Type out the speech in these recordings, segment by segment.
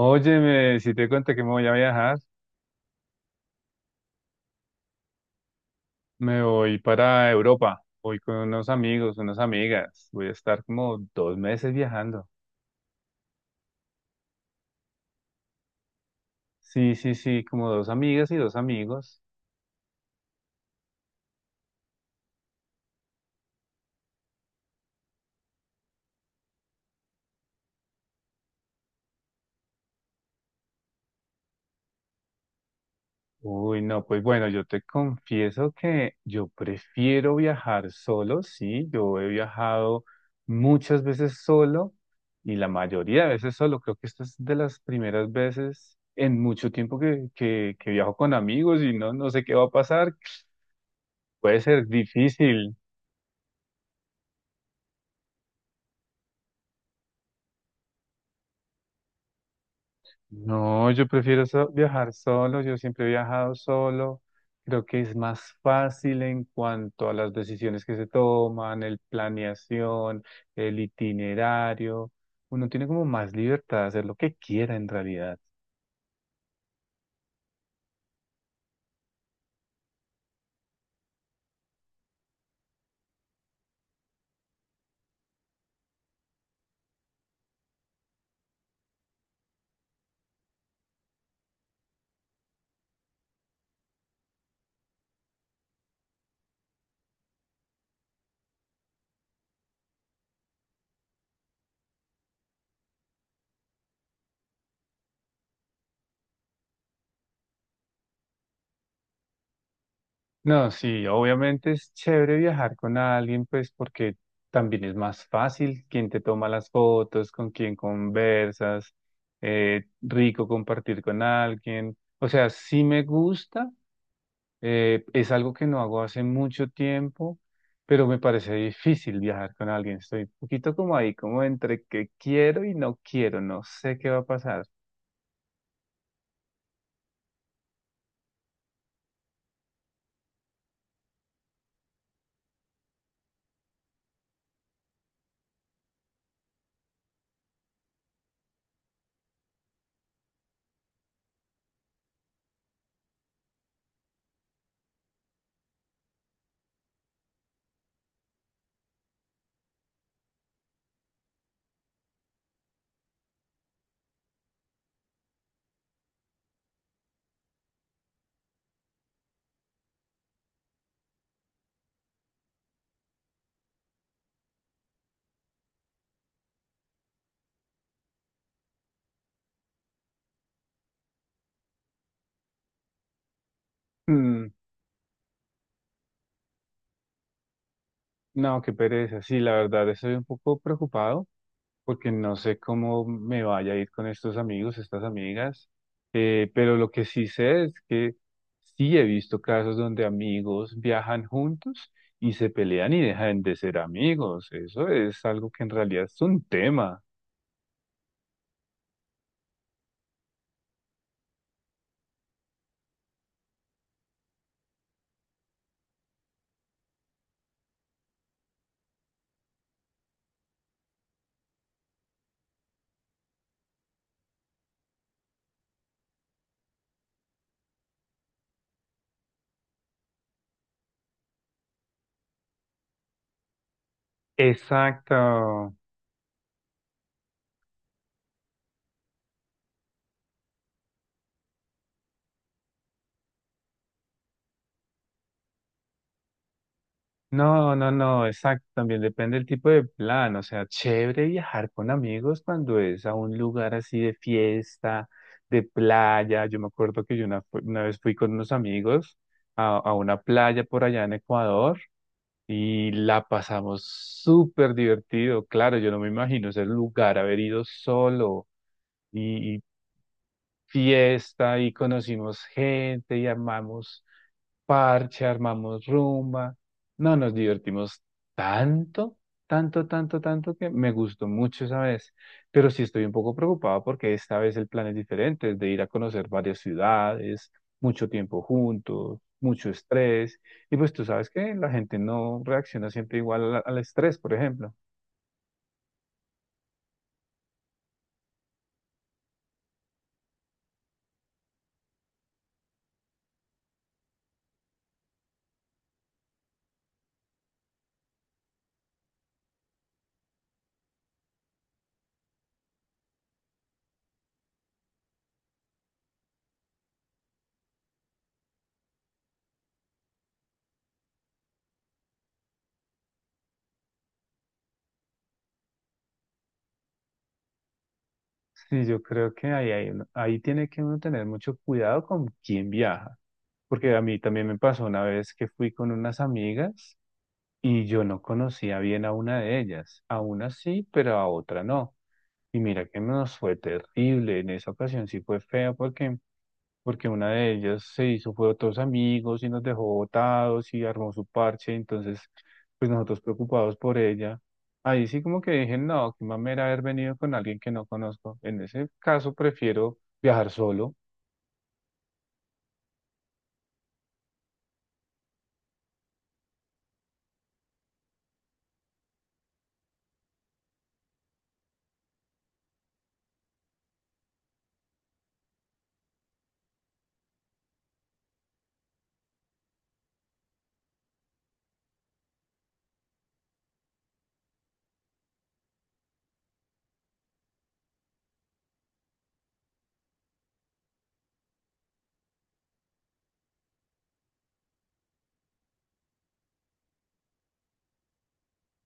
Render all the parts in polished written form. Óyeme, si te cuento que me voy a viajar, me voy para Europa. Voy con unos amigos, unas amigas. Voy a estar como 2 meses viajando. Sí, sí, sí, como dos amigas y dos amigos. Uy, no, pues bueno, yo te confieso que yo prefiero viajar solo, sí. Yo he viajado muchas veces solo y la mayoría de veces solo. Creo que esta es de las primeras veces en mucho tiempo que viajo con amigos y no, no sé qué va a pasar. Puede ser difícil. No, yo prefiero viajar solo. Yo siempre he viajado solo. Creo que es más fácil en cuanto a las decisiones que se toman, el planeación, el itinerario. Uno tiene como más libertad de hacer lo que quiera en realidad. No, sí, obviamente es chévere viajar con alguien, pues porque también es más fácil. Quien te toma las fotos, con quien conversas, rico compartir con alguien. O sea, sí me gusta, es algo que no hago hace mucho tiempo, pero me parece difícil viajar con alguien. Estoy un poquito como ahí, como entre que quiero y no quiero, no sé qué va a pasar. Mm, no, qué pereza, sí, la verdad, estoy un poco preocupado, porque no sé cómo me vaya a ir con estos amigos, estas amigas, pero lo que sí sé es que sí he visto casos donde amigos viajan juntos y se pelean y dejan de ser amigos. Eso es algo que en realidad es un tema. Exacto. No, no, no, exacto, también depende del tipo de plan, o sea, chévere viajar con amigos cuando es a un lugar así de fiesta, de playa. Yo me acuerdo que yo una, una vez fui con unos amigos a, una playa por allá en Ecuador y la pasamos súper divertido. Claro, yo no me imagino ese lugar, haber ido solo, y fiesta y conocimos gente y armamos parche, armamos rumba. No, nos divertimos tanto, tanto, tanto, tanto que me gustó mucho esa vez. Pero sí estoy un poco preocupado porque esta vez el plan es diferente, es de ir a conocer varias ciudades, mucho tiempo juntos, mucho estrés. Y pues tú sabes que la gente no reacciona siempre igual al estrés, por ejemplo. Sí, yo creo que ahí, ahí tiene que uno tener mucho cuidado con quién viaja, porque a mí también me pasó una vez que fui con unas amigas y yo no conocía bien a una de ellas, a una sí, pero a otra no. Y mira que nos fue terrible. En esa ocasión sí fue feo porque una de ellas se hizo, fue otros amigos y nos dejó botados y armó su parche, entonces pues nosotros preocupados por ella. Ahí sí como que dije, no, qué mamera haber venido con alguien que no conozco. En ese caso prefiero viajar solo.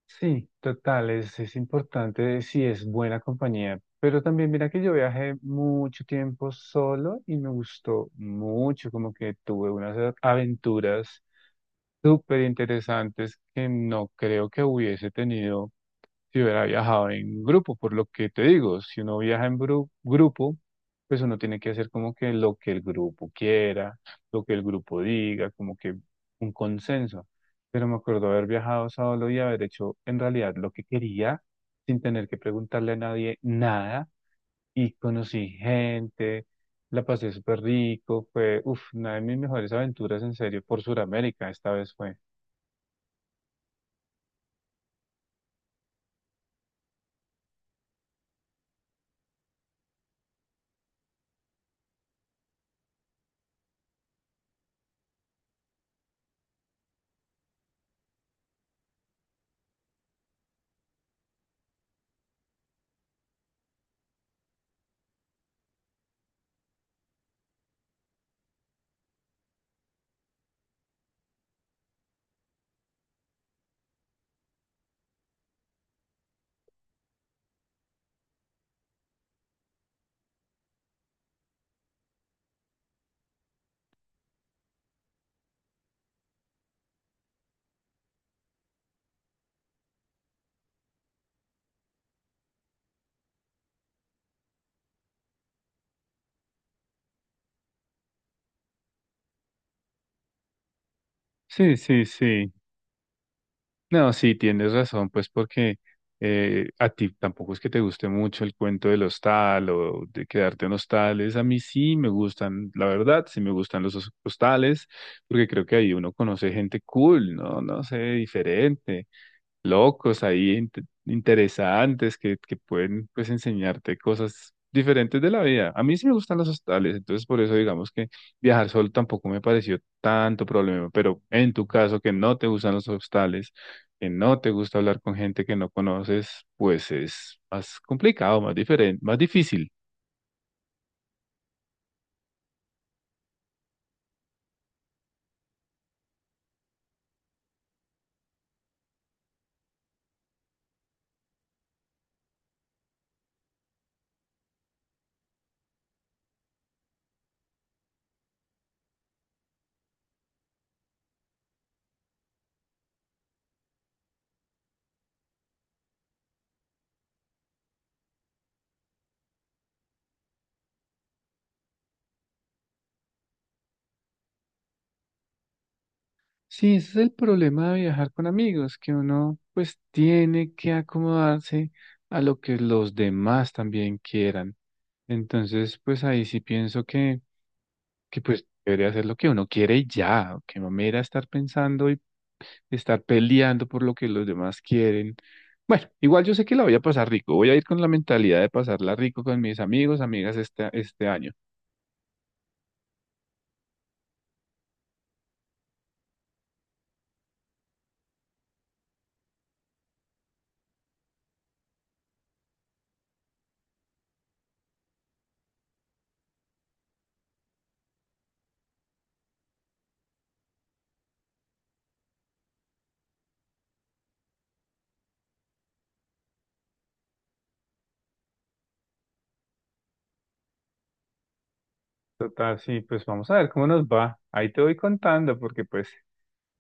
Sí, total, es importante si es buena compañía. Pero también mira que yo viajé mucho tiempo solo y me gustó mucho, como que tuve unas aventuras súper interesantes que no creo que hubiese tenido si hubiera viajado en grupo. Por lo que te digo, si uno viaja en grupo, pues uno tiene que hacer como que lo que el grupo quiera, lo que el grupo diga, como que un consenso. Pero me acuerdo haber viajado solo y haber hecho en realidad lo que quería, sin tener que preguntarle a nadie nada, y conocí gente, la pasé súper rico. Fue, uff, una de mis mejores aventuras en serio por Sudamérica, esta vez fue. Sí, sí, sí. No, sí, tienes razón, pues porque a ti tampoco es que te guste mucho el cuento del hostal o de quedarte en hostales. A mí sí me gustan, la verdad, sí me gustan los hostales, porque creo que ahí uno conoce gente cool, ¿no? No sé, diferente locos ahí, interesantes, que pueden pues enseñarte cosas diferentes de la vida. A mí sí me gustan los hostales, entonces por eso digamos que viajar solo tampoco me pareció tanto problema, pero en tu caso que no te gustan los hostales, que no te gusta hablar con gente que no conoces, pues es más complicado, más diferente, más difícil. Sí, ese es el problema de viajar con amigos, que uno pues tiene que acomodarse a lo que los demás también quieran. Entonces, pues ahí sí pienso que pues debería hacer lo que uno quiere y ya, que mamera estar pensando y estar peleando por lo que los demás quieren. Bueno, igual yo sé que la voy a pasar rico, voy a ir con la mentalidad de pasarla rico con mis amigos, amigas este año. Total, sí, pues vamos a ver cómo nos va. Ahí te voy contando porque pues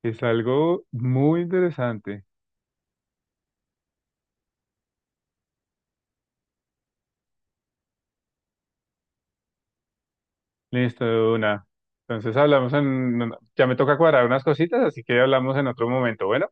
es algo muy interesante. Listo, de una. Entonces hablamos en... Ya me toca cuadrar unas cositas, así que hablamos en otro momento. Bueno.